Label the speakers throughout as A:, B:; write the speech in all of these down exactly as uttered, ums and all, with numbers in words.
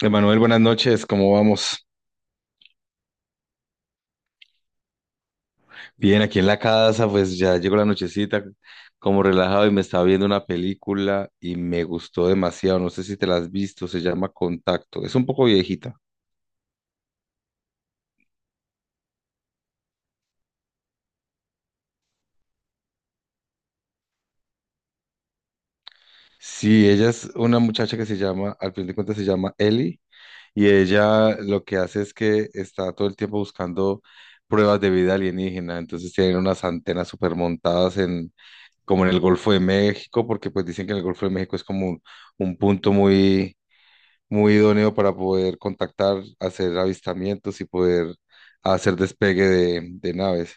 A: Emanuel, buenas noches, ¿cómo vamos? Bien, aquí en la casa, pues ya llegó la nochecita, como relajado y me estaba viendo una película y me gustó demasiado, no sé si te la has visto. Se llama Contacto, es un poco viejita. Sí, ella es una muchacha que se llama, al fin de cuentas se llama Ellie, y ella lo que hace es que está todo el tiempo buscando pruebas de vida alienígena. Entonces tienen unas antenas super montadas en, como en el Golfo de México, porque pues dicen que el Golfo de México es como un, un punto muy muy idóneo para poder contactar, hacer avistamientos y poder hacer despegue de, de naves.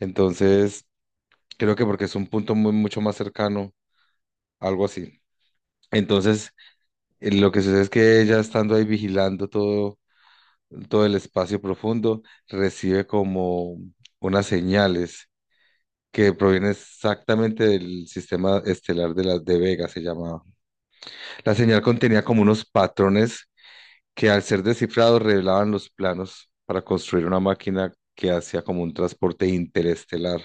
A: Entonces, creo que porque es un punto muy, mucho más cercano, algo así. Entonces, eh, lo que sucede es que ella estando ahí vigilando todo, todo el espacio profundo, recibe como unas señales que provienen exactamente del sistema estelar de las de Vega, se llamaba. La señal contenía como unos patrones que al ser descifrados revelaban los planos para construir una máquina que hacía como un transporte interestelar.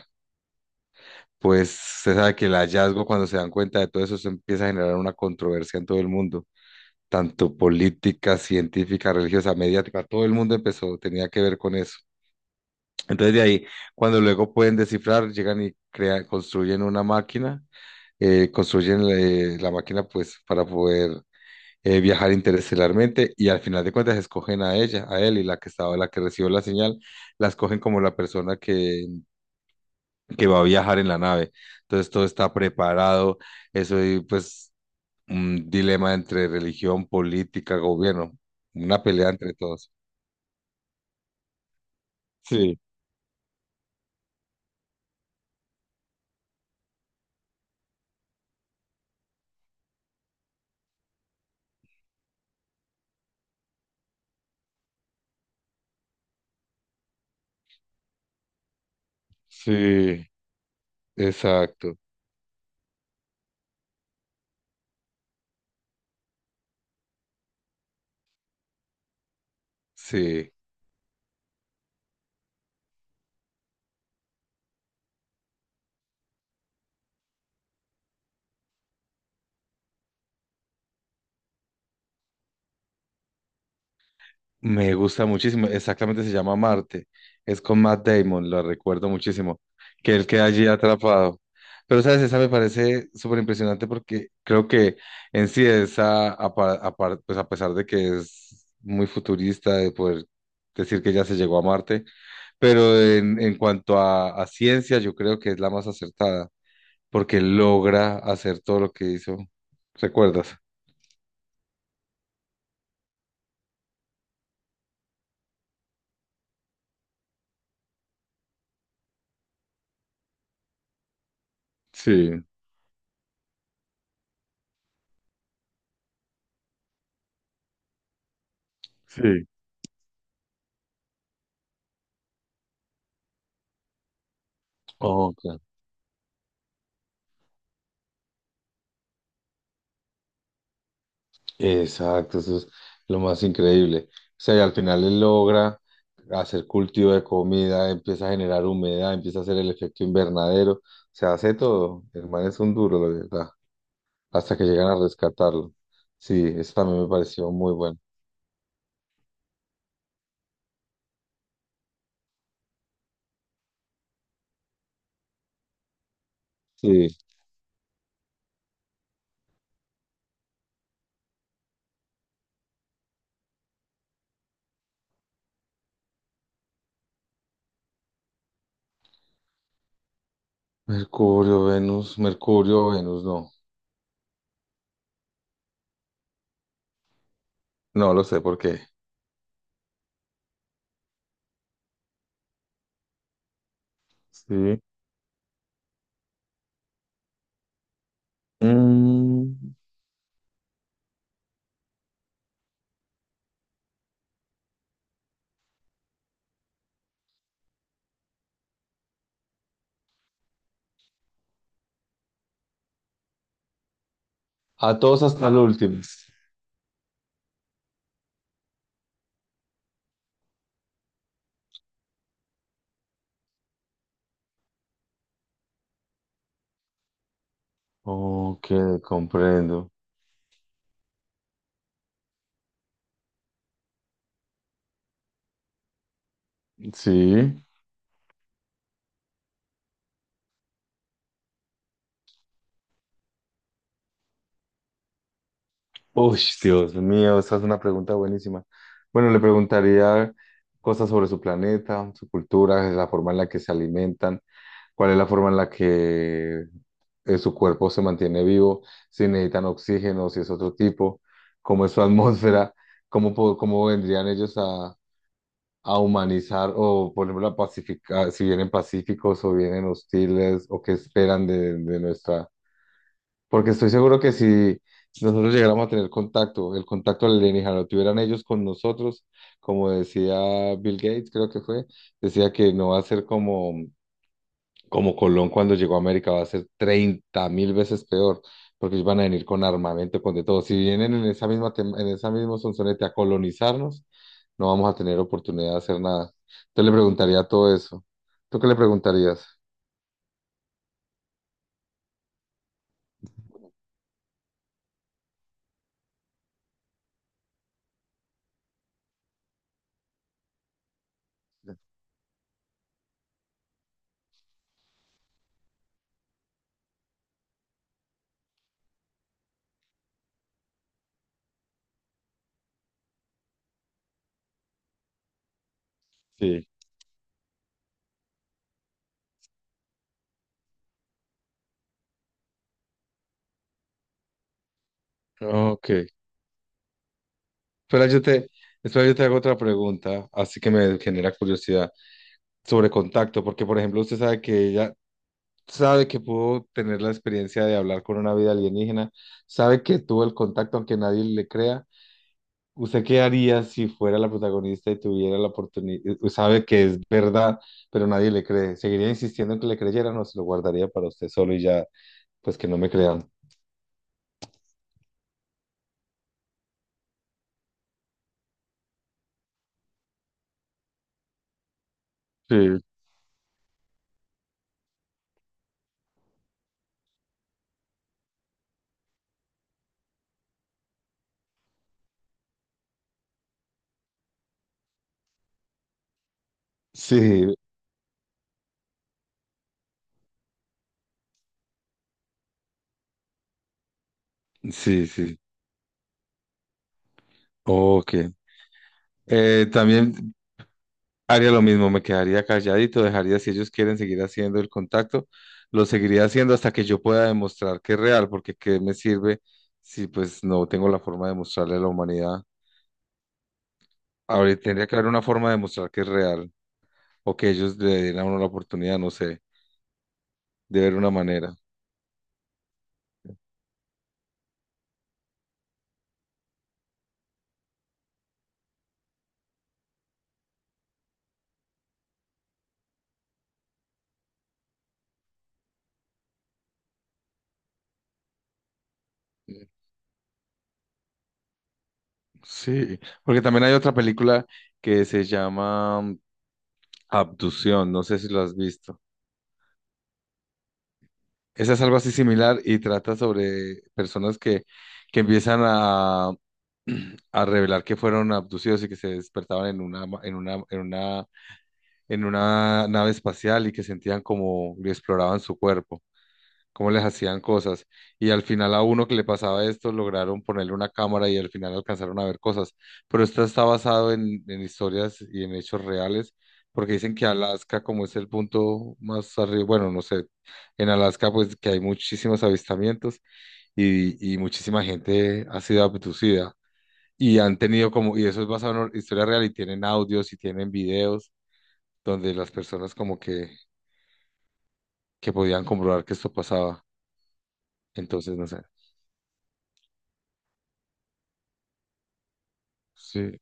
A: Pues se sabe que el hallazgo, cuando se dan cuenta de todo eso, se empieza a generar una controversia en todo el mundo, tanto política, científica, religiosa, mediática, todo el mundo empezó, tenía que ver con eso. Entonces de ahí, cuando luego pueden descifrar, llegan y crean, construyen una máquina, eh, construyen eh, la máquina pues para poder eh, viajar interestelarmente, y al final de cuentas escogen a ella, a él, y la que estaba, la que recibió la señal, la escogen como la persona que, que va a viajar en la nave. Entonces todo está preparado, eso y pues un dilema entre religión, política, gobierno, una pelea entre todos. Sí, sí, exacto, sí. Me gusta muchísimo, exactamente se llama Marte, es con Matt Damon, lo recuerdo muchísimo, que él queda allí atrapado. Pero, ¿sabes? Esa me parece súper impresionante porque creo que en sí esa, apa- apar- pues a pesar de que es muy futurista de poder decir que ya se llegó a Marte, pero en, en cuanto a, a ciencia yo creo que es la más acertada, porque logra hacer todo lo que hizo. ¿Recuerdas? Sí, sí. Exacto, eso es lo más increíble. O sea, y al final él logra hacer cultivo de comida, empieza a generar humedad, empieza a hacer el efecto invernadero, o sea, hace todo. El man es un duro, la verdad, hasta que llegan a rescatarlo. Sí, eso también me pareció muy bueno. Sí, Mercurio, Venus, Mercurio, Venus, no, no lo sé por qué. Sí. Mm, a todos hasta el último. Ok, comprendo. Sí. Uy, Dios mío, esa es una pregunta buenísima. Bueno, le preguntaría cosas sobre su planeta, su cultura, la forma en la que se alimentan, cuál es la forma en la que eh, su cuerpo se mantiene vivo, si necesitan oxígeno, si es otro tipo, cómo es su atmósfera, cómo, po- cómo vendrían ellos a, a humanizar o, por ejemplo, a pacificar, si vienen pacíficos o vienen hostiles, o qué esperan de, de nuestra, porque estoy seguro que si nosotros llegáramos a tener contacto, el contacto alienígena lo tuvieran ellos con nosotros, como decía Bill Gates, creo que fue, decía que no va a ser como, como Colón cuando llegó a América, va a ser treinta mil veces peor, porque ellos van a venir con armamento, con de todo. Si vienen en esa misma, tem- en esa mismo sonsonete a colonizarnos, no vamos a tener oportunidad de hacer nada. Entonces le preguntaría todo eso. ¿Tú qué le preguntarías? Sí. Ok. Espera, yo te, espera, yo te hago otra pregunta, así que me genera curiosidad sobre contacto, porque por ejemplo usted sabe que ella sabe que pudo tener la experiencia de hablar con una vida alienígena, sabe que tuvo el contacto aunque nadie le crea. ¿Usted qué haría si fuera la protagonista y tuviera la oportunidad? Sabe que es verdad, pero nadie le cree. ¿Seguiría insistiendo en que le creyeran, o se lo guardaría para usted solo y ya, pues que no me crean? Sí, sí, sí, sí. Ok. Eh, también haría lo mismo, me quedaría calladito, dejaría si ellos quieren seguir haciendo el contacto, lo seguiría haciendo hasta que yo pueda demostrar que es real, porque ¿qué me sirve si pues no tengo la forma de mostrarle a la humanidad? Ahora tendría que haber una forma de mostrar que es real, o que ellos le den a uno la oportunidad, no sé, de ver una manera. Sí, porque también hay otra película que se llama mm, Abducción, no sé si lo has visto. Esa es algo así similar y trata sobre personas que, que empiezan a a revelar que fueron abducidos y que se despertaban en una, ma- en una, en una en una nave espacial, y que sentían como le exploraban su cuerpo, cómo les hacían cosas. Y al final a uno que le pasaba esto lograron ponerle una cámara y al final alcanzaron a ver cosas. Pero esto está basado en, en historias y en hechos reales. Porque dicen que Alaska, como es el punto más arriba, bueno, no sé, en Alaska pues que hay muchísimos avistamientos y, y muchísima gente ha sido abducida. Y han tenido como, y eso es basado en historia real, y tienen audios y tienen videos donde las personas como que, que podían comprobar que esto pasaba. Entonces, no sé. Sí,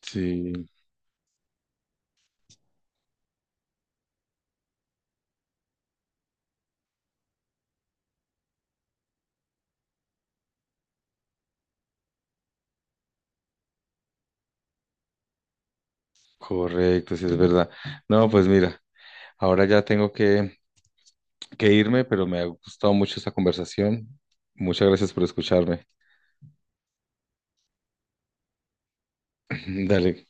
A: sí, correcto, sí es verdad. No, pues mira, ahora ya tengo que, que irme, pero me ha gustado mucho esta conversación. Muchas gracias por escucharme. Dale.